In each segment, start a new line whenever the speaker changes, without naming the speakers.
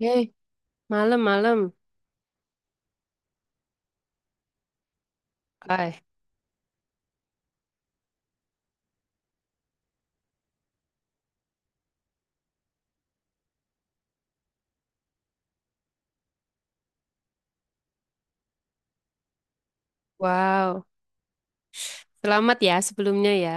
Hei, malam-malam. Ay, wow. Selamat ya sebelumnya ya.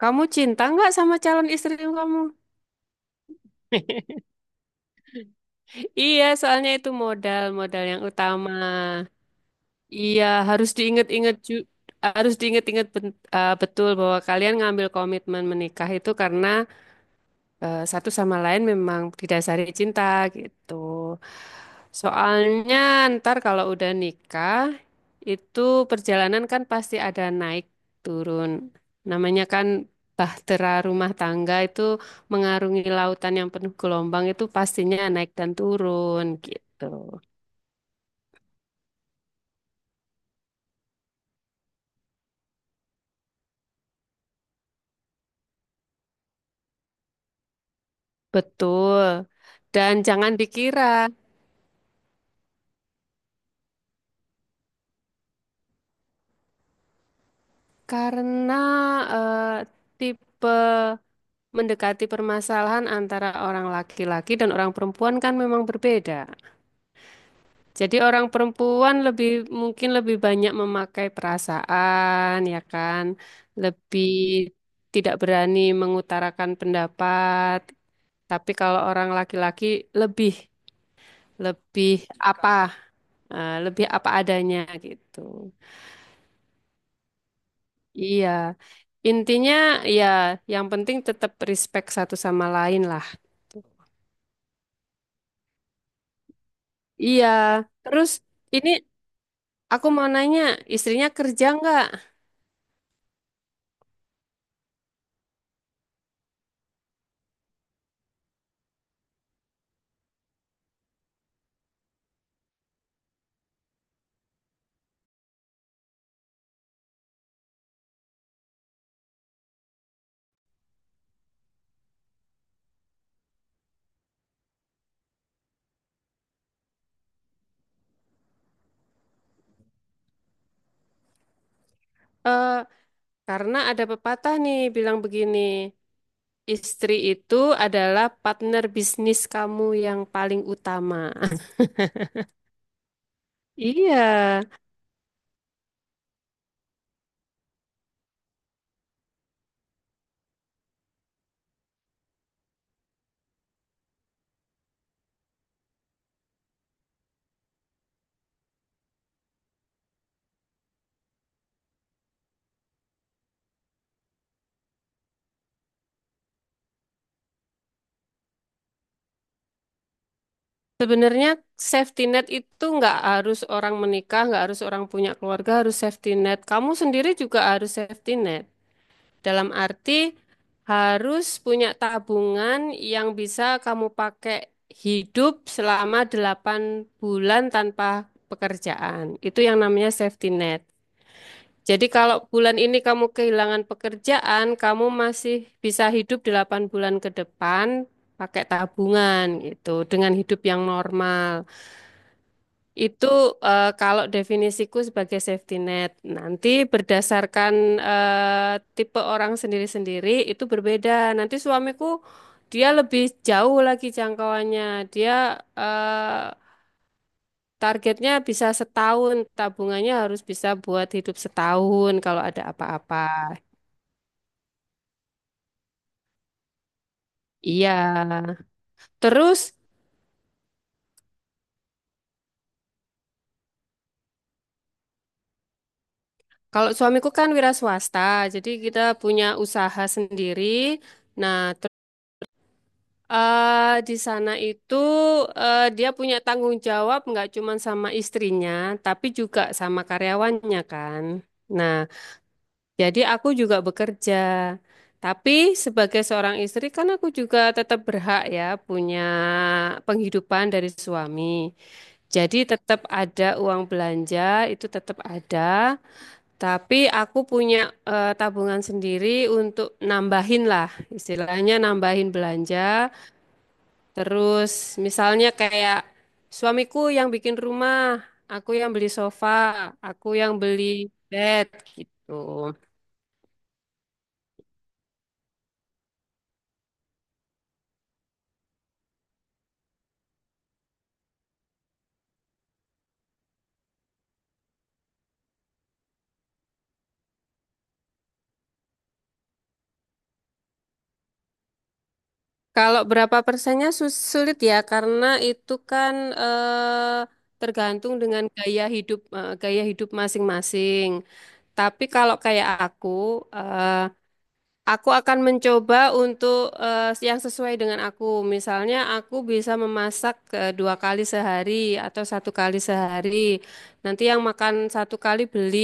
Kamu cinta nggak sama calon istri kamu? Iya, soalnya itu modal, modal yang utama. Iya, harus diingat-ingat ju- harus diingat-ingat betul bahwa kalian ngambil komitmen menikah itu karena satu sama lain memang didasari cinta gitu. Soalnya ntar kalau udah nikah itu perjalanan kan pasti ada naik turun. Namanya kan bahtera rumah tangga itu mengarungi lautan yang penuh gelombang itu pastinya naik dan turun gitu. Betul. Dan jangan dikira karena eh, tipe mendekati permasalahan antara orang laki-laki dan orang perempuan kan memang berbeda. Jadi orang perempuan lebih mungkin lebih banyak memakai perasaan, ya kan? Lebih tidak berani mengutarakan pendapat. Tapi kalau orang laki-laki lebih lebih apa? Lebih apa adanya gitu. Iya. Intinya ya yang penting tetap respect satu sama lain lah. Iya. Terus ini, aku mau nanya, istrinya kerja nggak? Eh, karena ada pepatah nih bilang begini, istri itu adalah partner bisnis kamu yang paling utama. Iya, sebenarnya safety net itu nggak harus orang menikah, nggak harus orang punya keluarga, harus safety net. Kamu sendiri juga harus safety net. Dalam arti harus punya tabungan yang bisa kamu pakai hidup selama 8 bulan tanpa pekerjaan. Itu yang namanya safety net. Jadi kalau bulan ini kamu kehilangan pekerjaan, kamu masih bisa hidup 8 bulan ke depan pakai tabungan gitu dengan hidup yang normal. Itu kalau definisiku sebagai safety net. Nanti berdasarkan tipe orang sendiri-sendiri itu berbeda. Nanti suamiku dia lebih jauh lagi jangkauannya. Dia eh, targetnya bisa setahun, tabungannya harus bisa buat hidup setahun kalau ada apa-apa. Iya. Terus kalau suamiku kan wira swasta, jadi kita punya usaha sendiri. Nah, di sana itu dia punya tanggung jawab nggak cuma sama istrinya, tapi juga sama karyawannya kan. Nah, jadi aku juga bekerja. Tapi sebagai seorang istri kan aku juga tetap berhak ya punya penghidupan dari suami. Jadi tetap ada uang belanja, itu tetap ada. Tapi aku punya tabungan sendiri untuk nambahin lah, istilahnya nambahin belanja. Terus misalnya kayak suamiku yang bikin rumah, aku yang beli sofa, aku yang beli bed gitu. Kalau berapa persennya sulit ya karena itu kan eh, tergantung dengan gaya hidup gaya hidup masing-masing. Tapi kalau kayak aku, eh, aku akan mencoba untuk yang sesuai dengan aku. Misalnya aku bisa memasak dua kali sehari atau satu kali sehari. Nanti yang makan satu kali beli.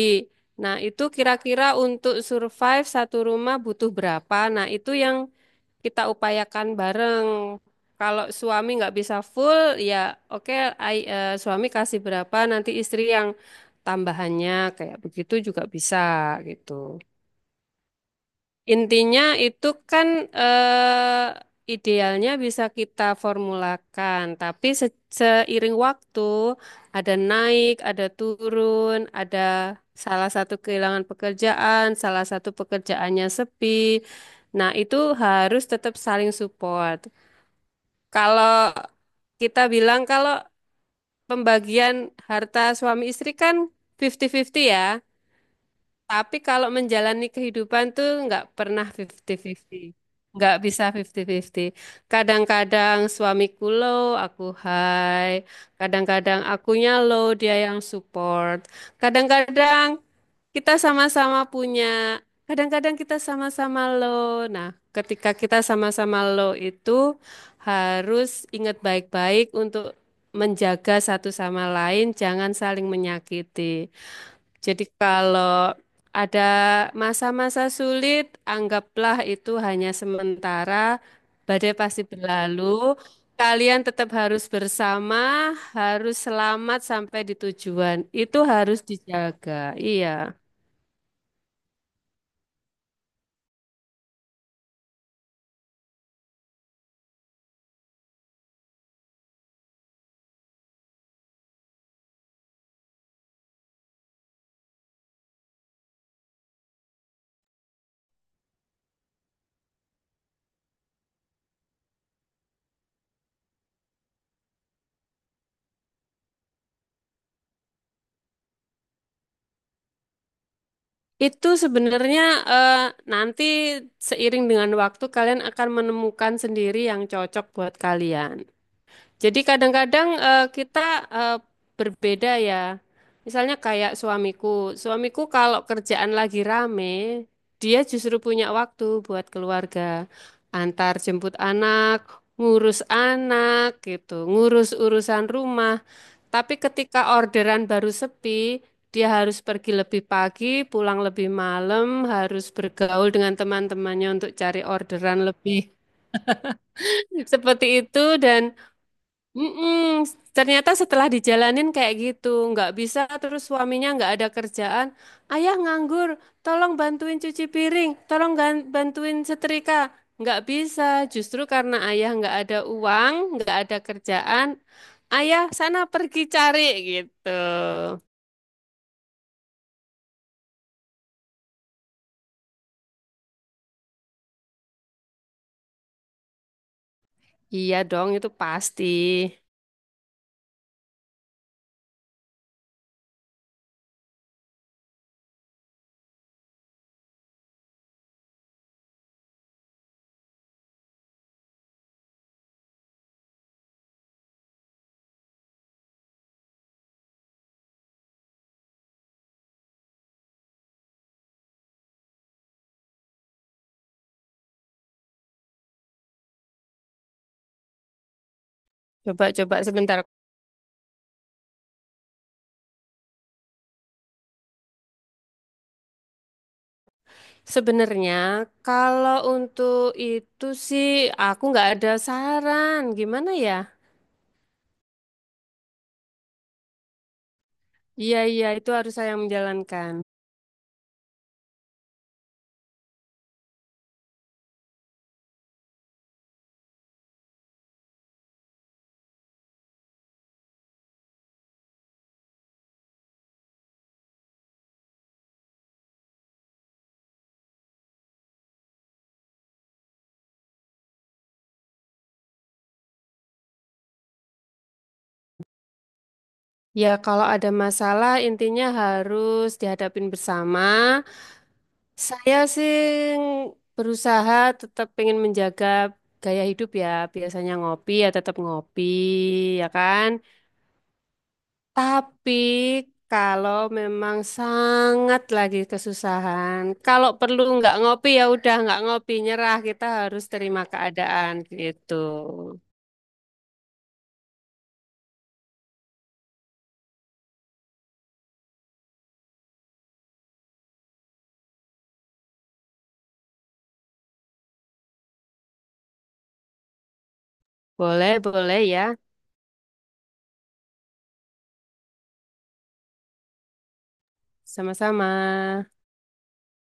Nah, itu kira-kira untuk survive satu rumah butuh berapa? Nah, itu yang kita upayakan bareng. Kalau suami nggak bisa full, ya oke, suami kasih berapa, nanti istri yang tambahannya kayak begitu juga bisa gitu. Intinya itu kan idealnya bisa kita formulakan, tapi seiring waktu ada naik, ada turun, ada salah satu kehilangan pekerjaan, salah satu pekerjaannya sepi. Nah, itu harus tetap saling support. Kalau kita bilang kalau pembagian harta suami istri kan 50-50 ya. Tapi kalau menjalani kehidupan tuh nggak pernah 50-50. Nggak bisa 50-50. Kadang-kadang suamiku low, aku high. Kadang-kadang akunya low, dia yang support. Kadang-kadang kita sama-sama punya. Kadang-kadang kita sama-sama low. Nah, ketika kita sama-sama low itu harus ingat baik-baik untuk menjaga satu sama lain, jangan saling menyakiti. Jadi kalau ada masa-masa sulit, anggaplah itu hanya sementara. Badai pasti berlalu. Kalian tetap harus bersama, harus selamat sampai di tujuan. Itu harus dijaga. Iya. Itu sebenarnya eh, nanti seiring dengan waktu kalian akan menemukan sendiri yang cocok buat kalian. Jadi kadang-kadang kita eh, berbeda ya. Misalnya kayak suamiku. Suamiku kalau kerjaan lagi rame, dia justru punya waktu buat keluarga. Antar jemput anak, ngurus anak gitu, ngurus urusan rumah. Tapi ketika orderan baru sepi, dia harus pergi lebih pagi, pulang lebih malam, harus bergaul dengan teman-temannya untuk cari orderan lebih. Seperti itu dan mm-mm. Ternyata setelah dijalanin kayak gitu, nggak bisa terus suaminya nggak ada kerjaan. Ayah nganggur, tolong bantuin cuci piring, tolong bantuin setrika. Nggak bisa, justru karena ayah nggak ada uang, nggak ada kerjaan, ayah sana pergi cari gitu. Iya dong, itu pasti. Coba-coba sebentar. Sebenarnya kalau untuk itu sih aku nggak ada saran, gimana ya? Iya, iya, itu harus saya yang menjalankan. Ya, kalau ada masalah intinya harus dihadapin bersama. Saya sih berusaha tetap pengen menjaga gaya hidup ya. Biasanya ngopi ya tetap ngopi, ya kan? Tapi kalau memang sangat lagi kesusahan, kalau perlu nggak ngopi ya udah nggak ngopi, nyerah. Kita harus terima keadaan gitu. Boleh, boleh ya. Sama-sama.